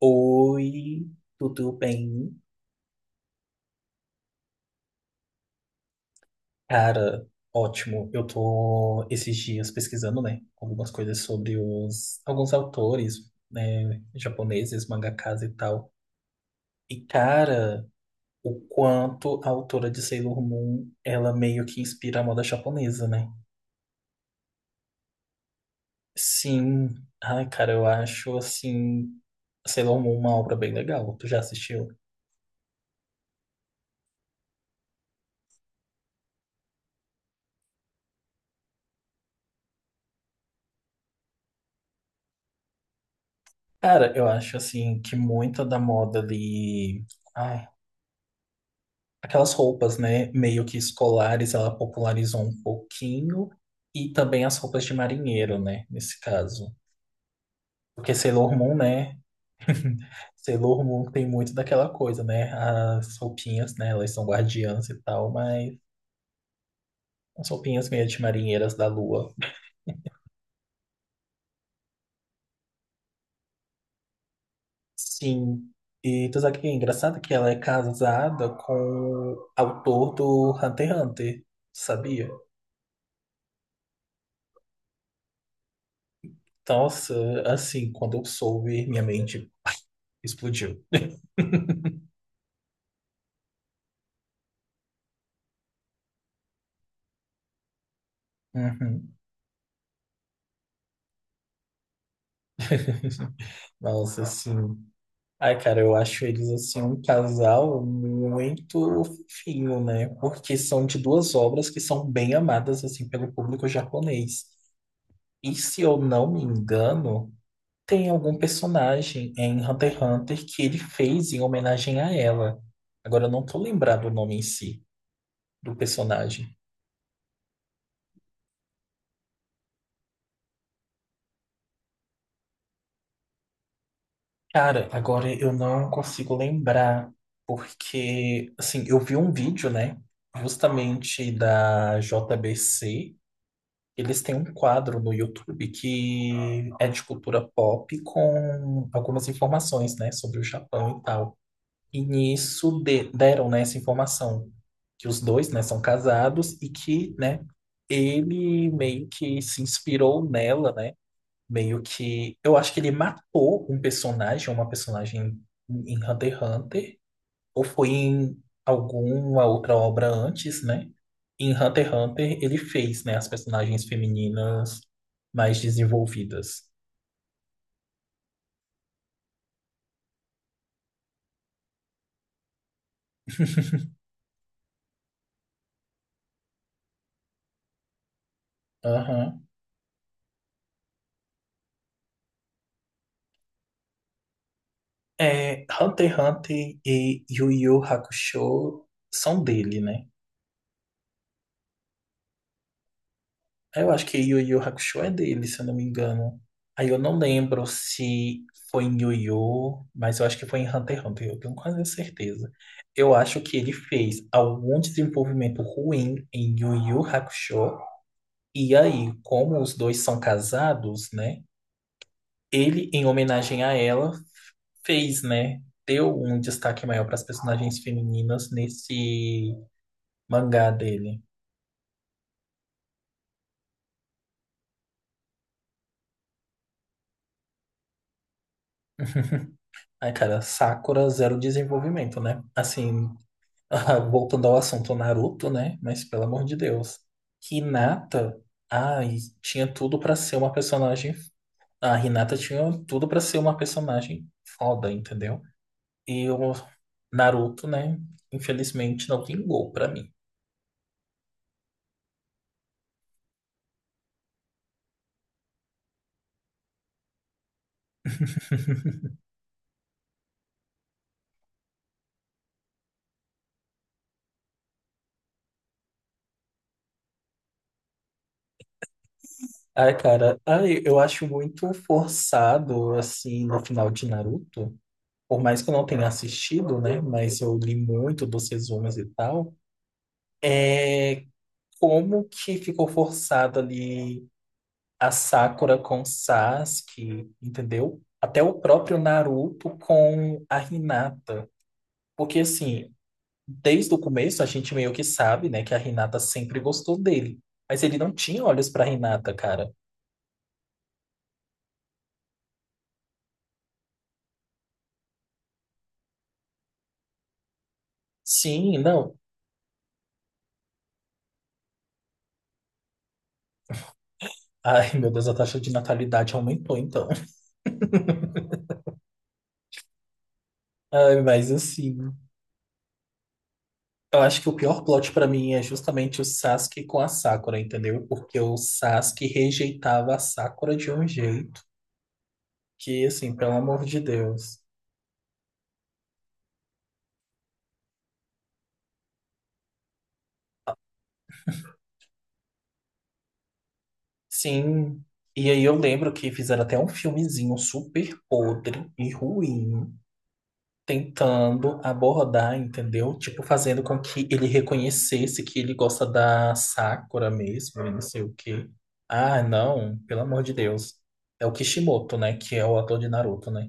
Oi, tudo bem? Cara, ótimo. Eu tô esses dias pesquisando, né, algumas coisas sobre os alguns autores, né, japoneses, mangakas e tal. E cara, o quanto a autora de Sailor Moon, ela meio que inspira a moda japonesa, né? Sim. Ai, cara, eu acho assim Sailor Moon uma obra bem legal. Tu já assistiu? Cara, eu acho assim que muita da moda ali. Ai, aquelas roupas, né, meio que escolares, ela popularizou um pouquinho, e também as roupas de marinheiro, né, nesse caso. Porque Sailor Moon, né, Sailor Moon tem muito daquela coisa, né, as roupinhas, né, elas são guardiãs e tal, mas as roupinhas meio de marinheiras da lua. Sim, e tu sabe que é engraçado que ela é casada com o autor do Hunter x Hunter, sabia? Nossa, assim, quando eu soube, minha mente explodiu. Uhum. Nossa, assim. Ai, cara, eu acho eles assim um casal muito fofinho, né? Porque são de duas obras que são bem amadas assim pelo público japonês. E se eu não me engano, tem algum personagem em Hunter x Hunter que ele fez em homenagem a ela. Agora eu não tô lembrado o nome em si do personagem. Cara, agora eu não consigo lembrar, porque, assim, eu vi um vídeo, né, justamente da JBC. Eles têm um quadro no YouTube que é de cultura pop com algumas informações, né, sobre o Japão e tal. E nisso deram, né, essa informação que os dois, né, são casados e que, né, ele meio que se inspirou nela, né, meio que. Eu acho que ele matou um personagem, uma personagem em Hunter x Hunter, ou foi em alguma outra obra antes, né? Em Hunter x Hunter ele fez, né, as personagens femininas mais desenvolvidas. Aham. É, Hunter x Hunter e Yu Yu Hakusho são dele, né? Eu acho que Yu Yu Hakusho é dele, se eu não me engano. Aí eu não lembro se foi em Yu Yu, mas eu acho que foi em Hunter x Hunter, eu tenho quase certeza. Eu acho que ele fez algum desenvolvimento ruim em Yu Yu Hakusho, e aí, como os dois são casados, né? Ele, em homenagem a ela, fez, né? Deu um destaque maior para as personagens femininas nesse mangá dele. Ai, cara, Sakura zero desenvolvimento, né? Assim, voltando ao assunto Naruto, né? Mas pelo amor de Deus. Hinata, ai, tinha tudo pra ser uma personagem. A Hinata tinha tudo pra ser uma personagem foda, entendeu? E o Naruto, né? Infelizmente não vingou pra mim. Ai, cara, ai, eu acho muito forçado, assim, no final de Naruto. Por mais que eu não tenha assistido, né? Mas eu li muito dos resumos e tal. É como que ficou forçado ali a Sakura com o Sasuke, entendeu? Até o próprio Naruto com a Hinata. Porque, assim, desde o começo a gente meio que sabe, né, que a Hinata sempre gostou dele. Mas ele não tinha olhos pra Hinata, cara. Sim, não. Ai, meu Deus, a taxa de natalidade aumentou, então. Ai, mas assim, eu acho que o pior plot pra mim é justamente o Sasuke com a Sakura, entendeu? Porque o Sasuke rejeitava a Sakura de um jeito que, assim, pelo amor de Deus. Sim. E aí eu lembro que fizeram até um filmezinho super podre e ruim, tentando abordar, entendeu? Tipo, fazendo com que ele reconhecesse que ele gosta da Sakura mesmo, e não sei o quê. Ah, não, pelo amor de Deus. É o Kishimoto, né? Que é o ator de Naruto, né?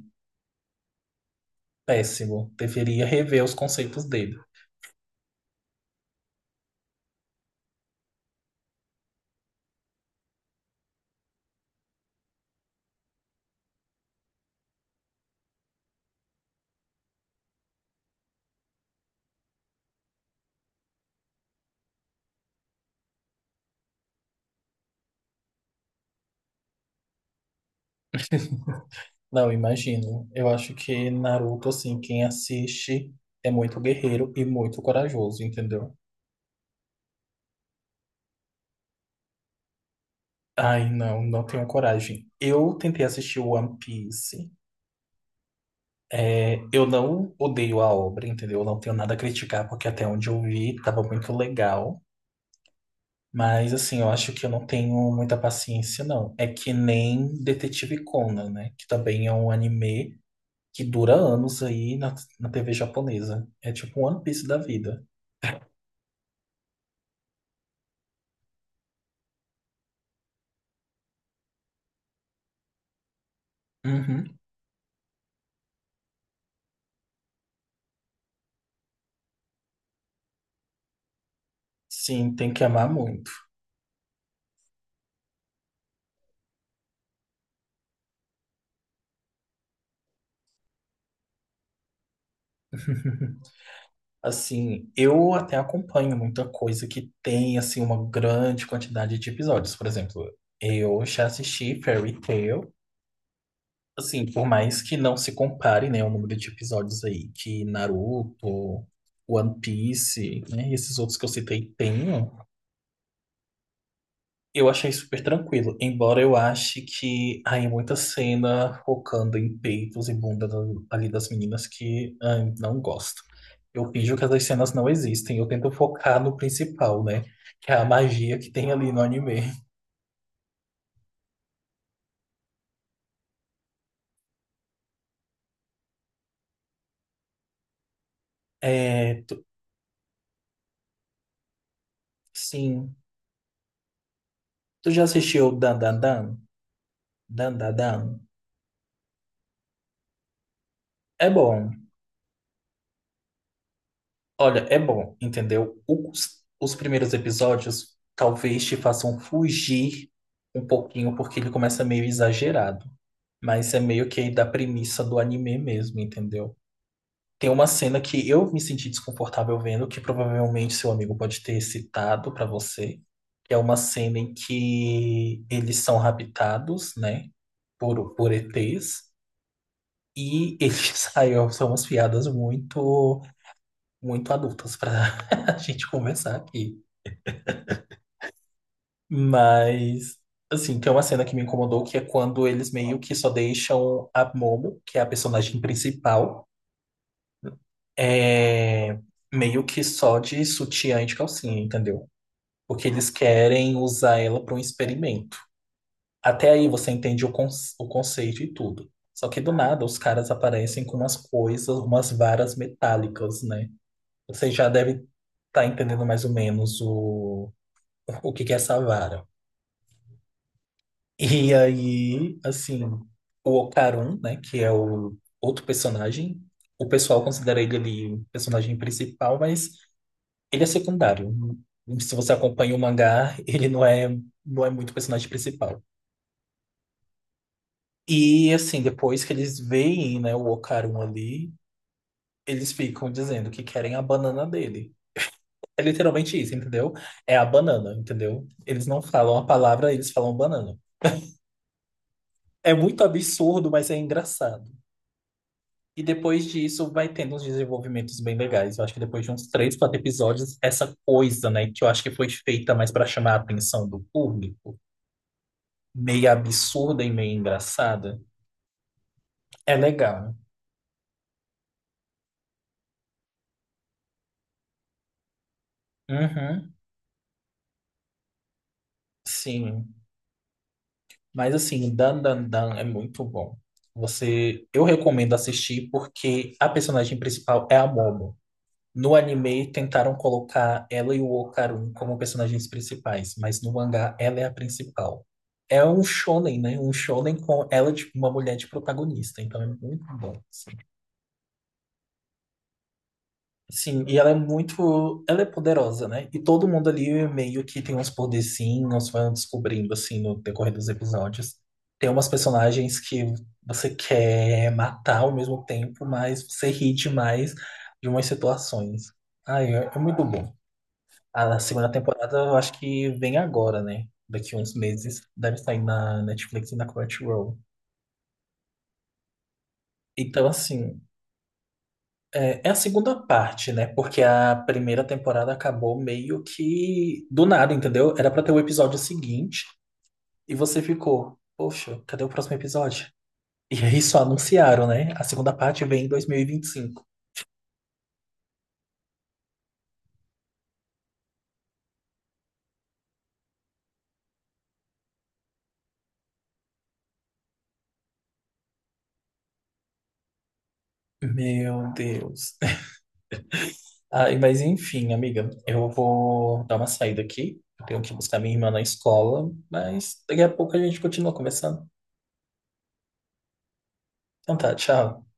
Péssimo. Deveria rever os conceitos dele. Não, imagino. Eu acho que Naruto, assim, quem assiste é muito guerreiro e muito corajoso, entendeu? Ai, não, não tenho coragem. Eu tentei assistir One Piece. É, eu não odeio a obra, entendeu? Eu não tenho nada a criticar, porque até onde eu vi tava muito legal. Mas, assim, eu acho que eu não tenho muita paciência, não. É que nem Detetive Conan, né? Que também é um anime que dura anos aí na TV japonesa. É tipo um One Piece da vida. Uhum. Sim, tem que amar muito. Assim, eu até acompanho muita coisa que tem, assim, uma grande quantidade de episódios. Por exemplo, eu já assisti Fairy Tail. Assim, por mais que não se compare, né, o número de episódios aí que Naruto, One Piece, né, e esses outros que eu citei tenham, eu achei super tranquilo, embora eu ache que há muita cena focando em peitos e bunda ali das meninas que ai, não gosto. Eu finjo que essas cenas não existem, eu tento focar no principal, né? Que é a magia que tem ali no anime. É, sim. Tu já assistiu Dan Dan Dan? Dan Dan Dan? É bom. Olha, é bom, entendeu? Os primeiros episódios talvez te façam fugir um pouquinho, porque ele começa meio exagerado. Mas é meio que da premissa do anime mesmo, entendeu? Tem uma cena que eu me senti desconfortável vendo, que provavelmente seu amigo pode ter citado pra você, que é uma cena em que eles são raptados, né, por ETs, e eles aí ó, são umas piadas muito, muito adultas pra a gente conversar aqui. Mas assim, tem uma cena que me incomodou, que é quando eles meio que só deixam a Momo, que é a personagem principal, é meio que só de sutiã e de calcinha, entendeu? Porque eles querem usar ela para um experimento. Até aí você entende o conceito e tudo. Só que do nada os caras aparecem com umas coisas, umas varas metálicas, né? Você já deve estar entendendo mais ou menos o que que é essa vara. E aí, assim, o Okarun, né, que é o outro personagem, o pessoal considera ele ali o personagem principal, mas ele é secundário. Se você acompanha o mangá, ele não é, não é muito personagem principal. E assim, depois que eles veem, né, o Okarun ali, eles ficam dizendo que querem a banana dele. É literalmente isso, entendeu? É a banana, entendeu? Eles não falam a palavra, eles falam banana. É muito absurdo, mas é engraçado. E depois disso vai tendo uns desenvolvimentos bem legais. Eu acho que depois de uns três, quatro episódios, essa coisa, né, que eu acho que foi feita mais para chamar a atenção do público meio absurda e meio engraçada. É legal. Uhum, sim. Mas assim, Dan Dan Dan é muito bom. Você, eu recomendo assistir porque a personagem principal é a Momo. No anime tentaram colocar ela e o Okarun como personagens principais, mas no mangá ela é a principal. É um shonen, né? Um shonen com ela de uma mulher de protagonista, então é muito bom. Assim. Sim, e ela é poderosa, né? E todo mundo ali meio que tem uns poderzinhos, vai descobrindo assim no decorrer dos episódios. Tem umas personagens que você quer matar ao mesmo tempo, mas você ri demais de umas situações. Ai, é muito bom. A segunda temporada eu acho que vem agora, né? Daqui uns meses. Deve sair na Netflix e na Crunchyroll. Então, assim, é a segunda parte, né? Porque a primeira temporada acabou meio que do nada, entendeu? Era pra ter o episódio seguinte e você ficou, poxa, cadê o próximo episódio? E aí só anunciaram, né? A segunda parte vem em 2025. Meu Deus. Ai, mas enfim, amiga, eu vou dar uma saída aqui. Eu tenho que buscar minha irmã na escola, mas daqui a pouco a gente continua conversando. Então tá, tchau.